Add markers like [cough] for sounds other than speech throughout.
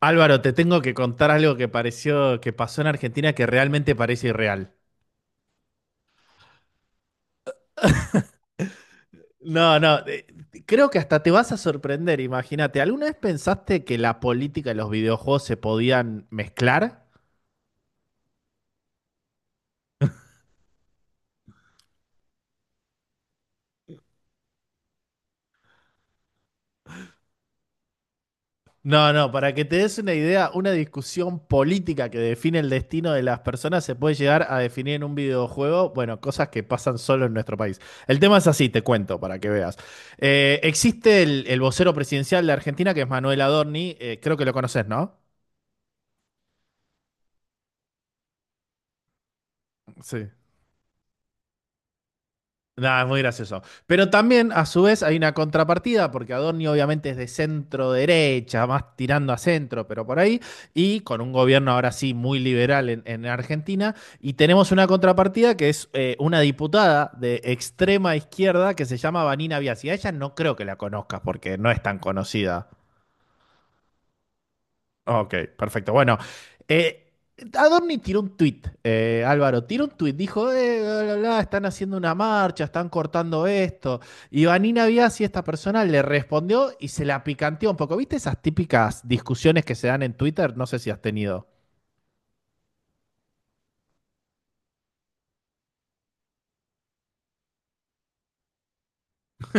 Álvaro, te tengo que contar algo que pasó en Argentina que realmente parece irreal. No, no, Creo que hasta te vas a sorprender, imagínate. ¿Alguna vez pensaste que la política y los videojuegos se podían mezclar? No, no, para que te des una idea, una discusión política que define el destino de las personas se puede llegar a definir en un videojuego, bueno, cosas que pasan solo en nuestro país. El tema es así, te cuento para que veas. Existe el vocero presidencial de Argentina, que es Manuel Adorni, creo que lo conoces, ¿no? Sí. Nada, es muy gracioso. Pero también, a su vez, hay una contrapartida, porque Adorni obviamente es de centro derecha, más tirando a centro, pero por ahí, y con un gobierno ahora sí muy liberal en Argentina, y tenemos una contrapartida que es una diputada de extrema izquierda que se llama Vanina Biasi. A ella no creo que la conozcas porque no es tan conocida. Ok, perfecto. Bueno, eh, Adorni tiró un tuit, Álvaro, tiró un tuit, dijo, bla, bla, bla, están haciendo una marcha, están cortando esto. Y Vanina Biasi, esta persona, le respondió y se la picanteó un poco. ¿Viste esas típicas discusiones que se dan en Twitter? No sé si has tenido.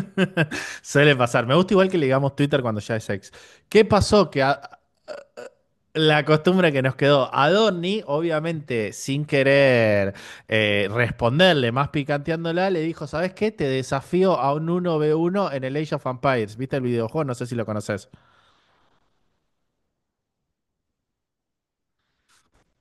[laughs] Suele pasar. Me gusta igual que le digamos Twitter cuando ya es ex. ¿Qué pasó? Que a- La costumbre que nos quedó a Donny, obviamente sin querer responderle, más picanteándola, le dijo, ¿sabes qué? Te desafío a un uno v uno en el Age of Empires. ¿Viste el videojuego? No sé si lo conoces.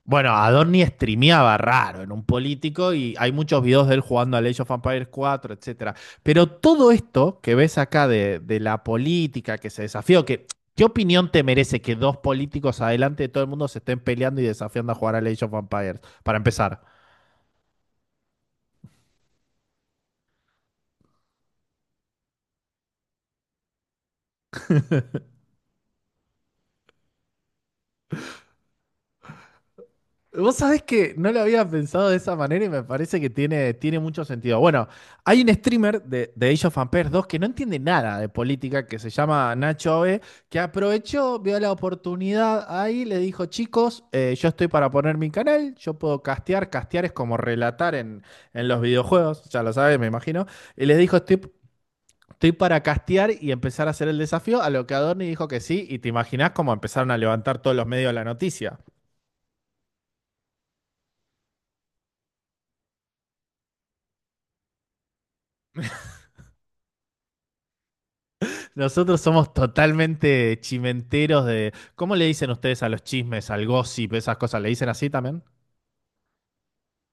Bueno, a Donny streameaba raro, en un político, y hay muchos videos de él jugando al Age of Empires cuatro, etcétera. Pero todo esto que ves acá de la política, que se desafió, que... ¿Qué opinión te merece que dos políticos adelante de todo el mundo se estén peleando y desafiando a jugar al Age of Empires? Para empezar. Vos sabés que no lo había pensado de esa manera y me parece que tiene mucho sentido. Bueno, hay un streamer de Age of Empires 2 que no entiende nada de política, que se llama Nacho Ove, que aprovechó, vio la oportunidad ahí, le dijo, chicos, yo estoy para poner mi canal, yo puedo castear, castear es como relatar en los videojuegos, ya lo sabes, me imagino, y les dijo, estoy... Estoy para castear y empezar a hacer el desafío, a lo que Adorni dijo que sí, y te imaginás cómo empezaron a levantar todos los medios la noticia. Nosotros somos totalmente chimenteros de... ¿Cómo le dicen ustedes a los chismes, al gossip, esas cosas? ¿Le dicen así también?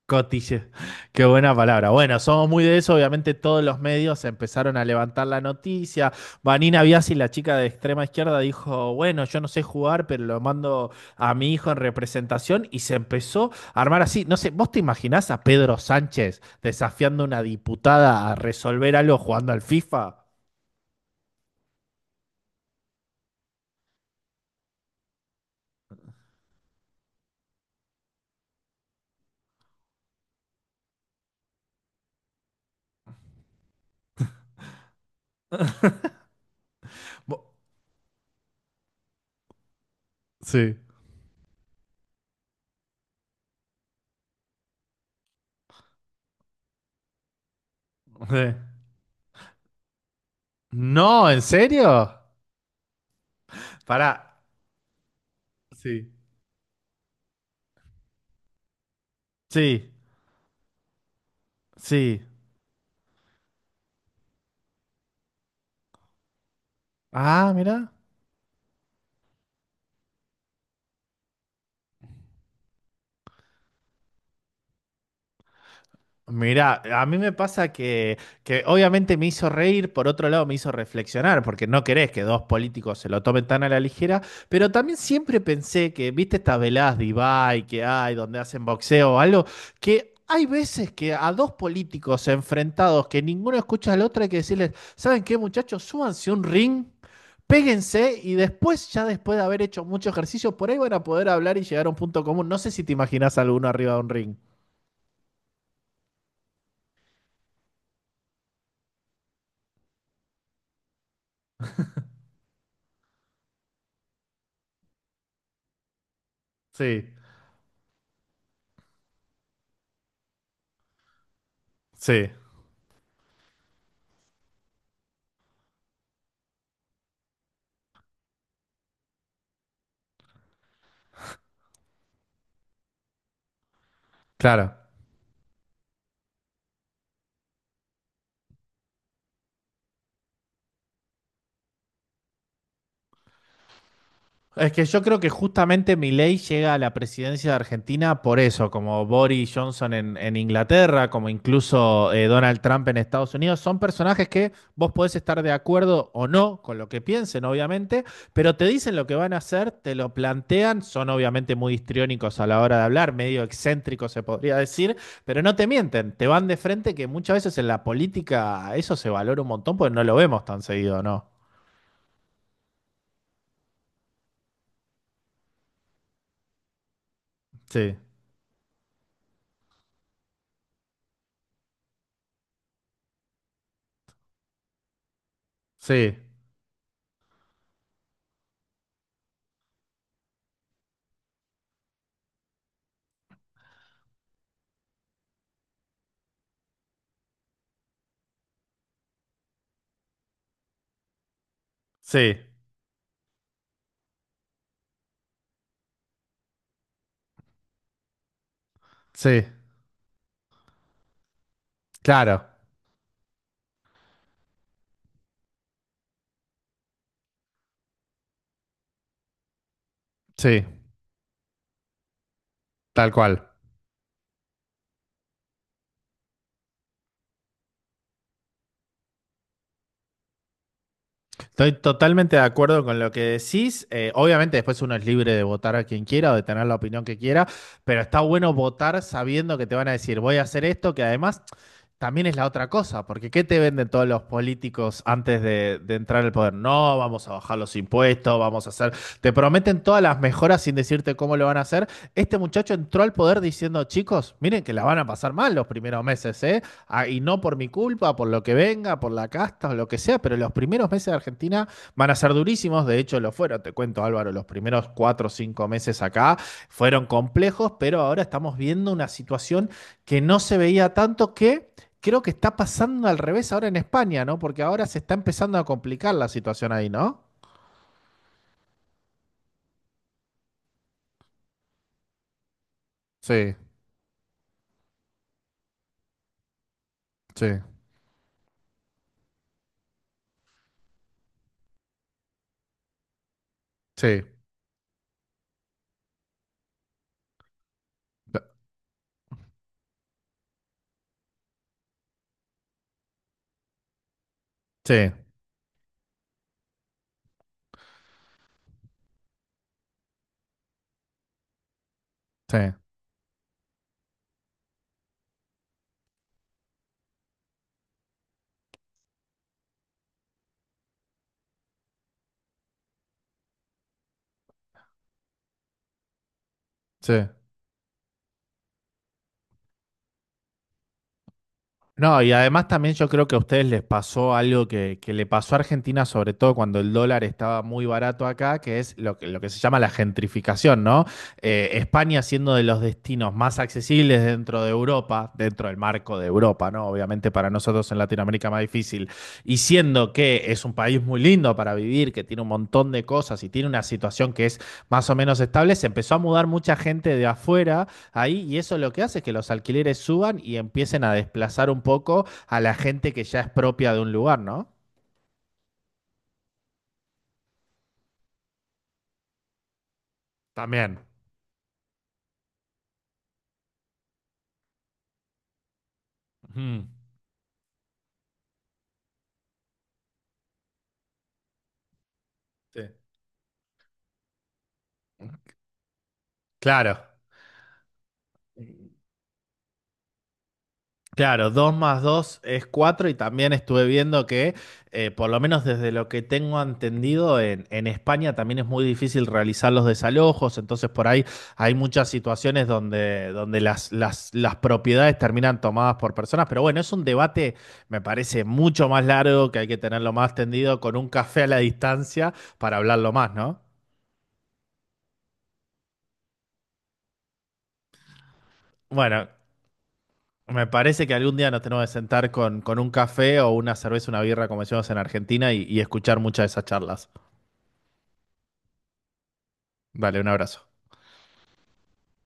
Cotille. [laughs] Qué buena palabra. Bueno, somos muy de eso. Obviamente todos los medios empezaron a levantar la noticia. Vanina Biasi, la chica de extrema izquierda, dijo, bueno, yo no sé jugar, pero lo mando a mi hijo en representación. Y se empezó a armar así. No sé, ¿vos te imaginás a Pedro Sánchez desafiando a una diputada a resolver algo jugando al FIFA? Vo- Sí. [laughs] Sí. No, ¿en serio? Pará. Sí. Sí, sí. Ah, mira. Mirá, a mí me pasa que obviamente me hizo reír, por otro lado me hizo reflexionar, porque no querés que dos políticos se lo tomen tan a la ligera, pero también siempre pensé que, viste estas veladas de Ibai que hay, donde hacen boxeo o algo, que hay veces que a dos políticos enfrentados que ninguno escucha al otro hay que decirles, ¿saben qué, muchachos? Súbanse a un ring. Péguense y después, ya después de haber hecho mucho ejercicio, por ahí van a poder hablar y llegar a un punto común. No sé si te imaginas alguno arriba de un ring. Sí, sí. Claro. Es que yo creo que justamente Milei llega a la presidencia de Argentina por eso, como Boris Johnson en Inglaterra, como incluso Donald Trump en Estados Unidos, son personajes que vos podés estar de acuerdo o no con lo que piensen, obviamente, pero te dicen lo que van a hacer, te lo plantean, son obviamente muy histriónicos a la hora de hablar, medio excéntricos se podría decir, pero no te mienten, te van de frente que muchas veces en la política eso se valora un montón porque no lo vemos tan seguido, ¿no? Sí, sí, sí. Sí, claro, sí, tal cual. Estoy totalmente de acuerdo con lo que decís. Obviamente después uno es libre de votar a quien quiera o de tener la opinión que quiera, pero está bueno votar sabiendo que te van a decir voy a hacer esto, que además también es la otra cosa, porque ¿qué te venden todos los políticos antes de entrar al poder? No, vamos a bajar los impuestos, vamos a hacer... Te prometen todas las mejoras sin decirte cómo lo van a hacer. Este muchacho entró al poder diciendo, chicos, miren que la van a pasar mal los primeros meses, ¿eh? Ah, y no por mi culpa, por lo que venga, por la casta o lo que sea, pero los primeros meses de Argentina van a ser durísimos, de hecho lo fueron, te cuento Álvaro, los primeros cuatro o cinco meses acá fueron complejos, pero ahora estamos viendo una situación que no se veía tanto que... Creo que está pasando al revés ahora en España, ¿no? Porque ahora se está empezando a complicar la situación ahí, ¿no? Sí, sí, sí, sí, sí, sí. No, y además también yo creo que a ustedes les pasó algo que le pasó a Argentina, sobre todo cuando el dólar estaba muy barato acá, que es lo que se llama la gentrificación, ¿no? España siendo de los destinos más accesibles dentro de Europa, dentro del marco de Europa, ¿no? Obviamente para nosotros en Latinoamérica más difícil, y siendo que es un país muy lindo para vivir, que tiene un montón de cosas y tiene una situación que es más o menos estable, se empezó a mudar mucha gente de afuera ahí y eso lo que hace es que los alquileres suban y empiecen a desplazar un poco a la gente que ya es propia de un lugar, ¿no? También. Ujú. Sí. Claro. Claro, 2 más 2 es 4 y también estuve viendo que, por lo menos desde lo que tengo entendido, en España también es muy difícil realizar los desalojos, entonces por ahí hay muchas situaciones donde, donde las propiedades terminan tomadas por personas, pero bueno, es un debate, me parece, mucho más largo, que hay que tenerlo más tendido con un café a la distancia para hablarlo más, ¿no? Bueno, me parece que algún día nos tenemos que sentar con un café o una cerveza, una birra, como decimos en Argentina, y escuchar muchas de esas charlas. Dale, un abrazo.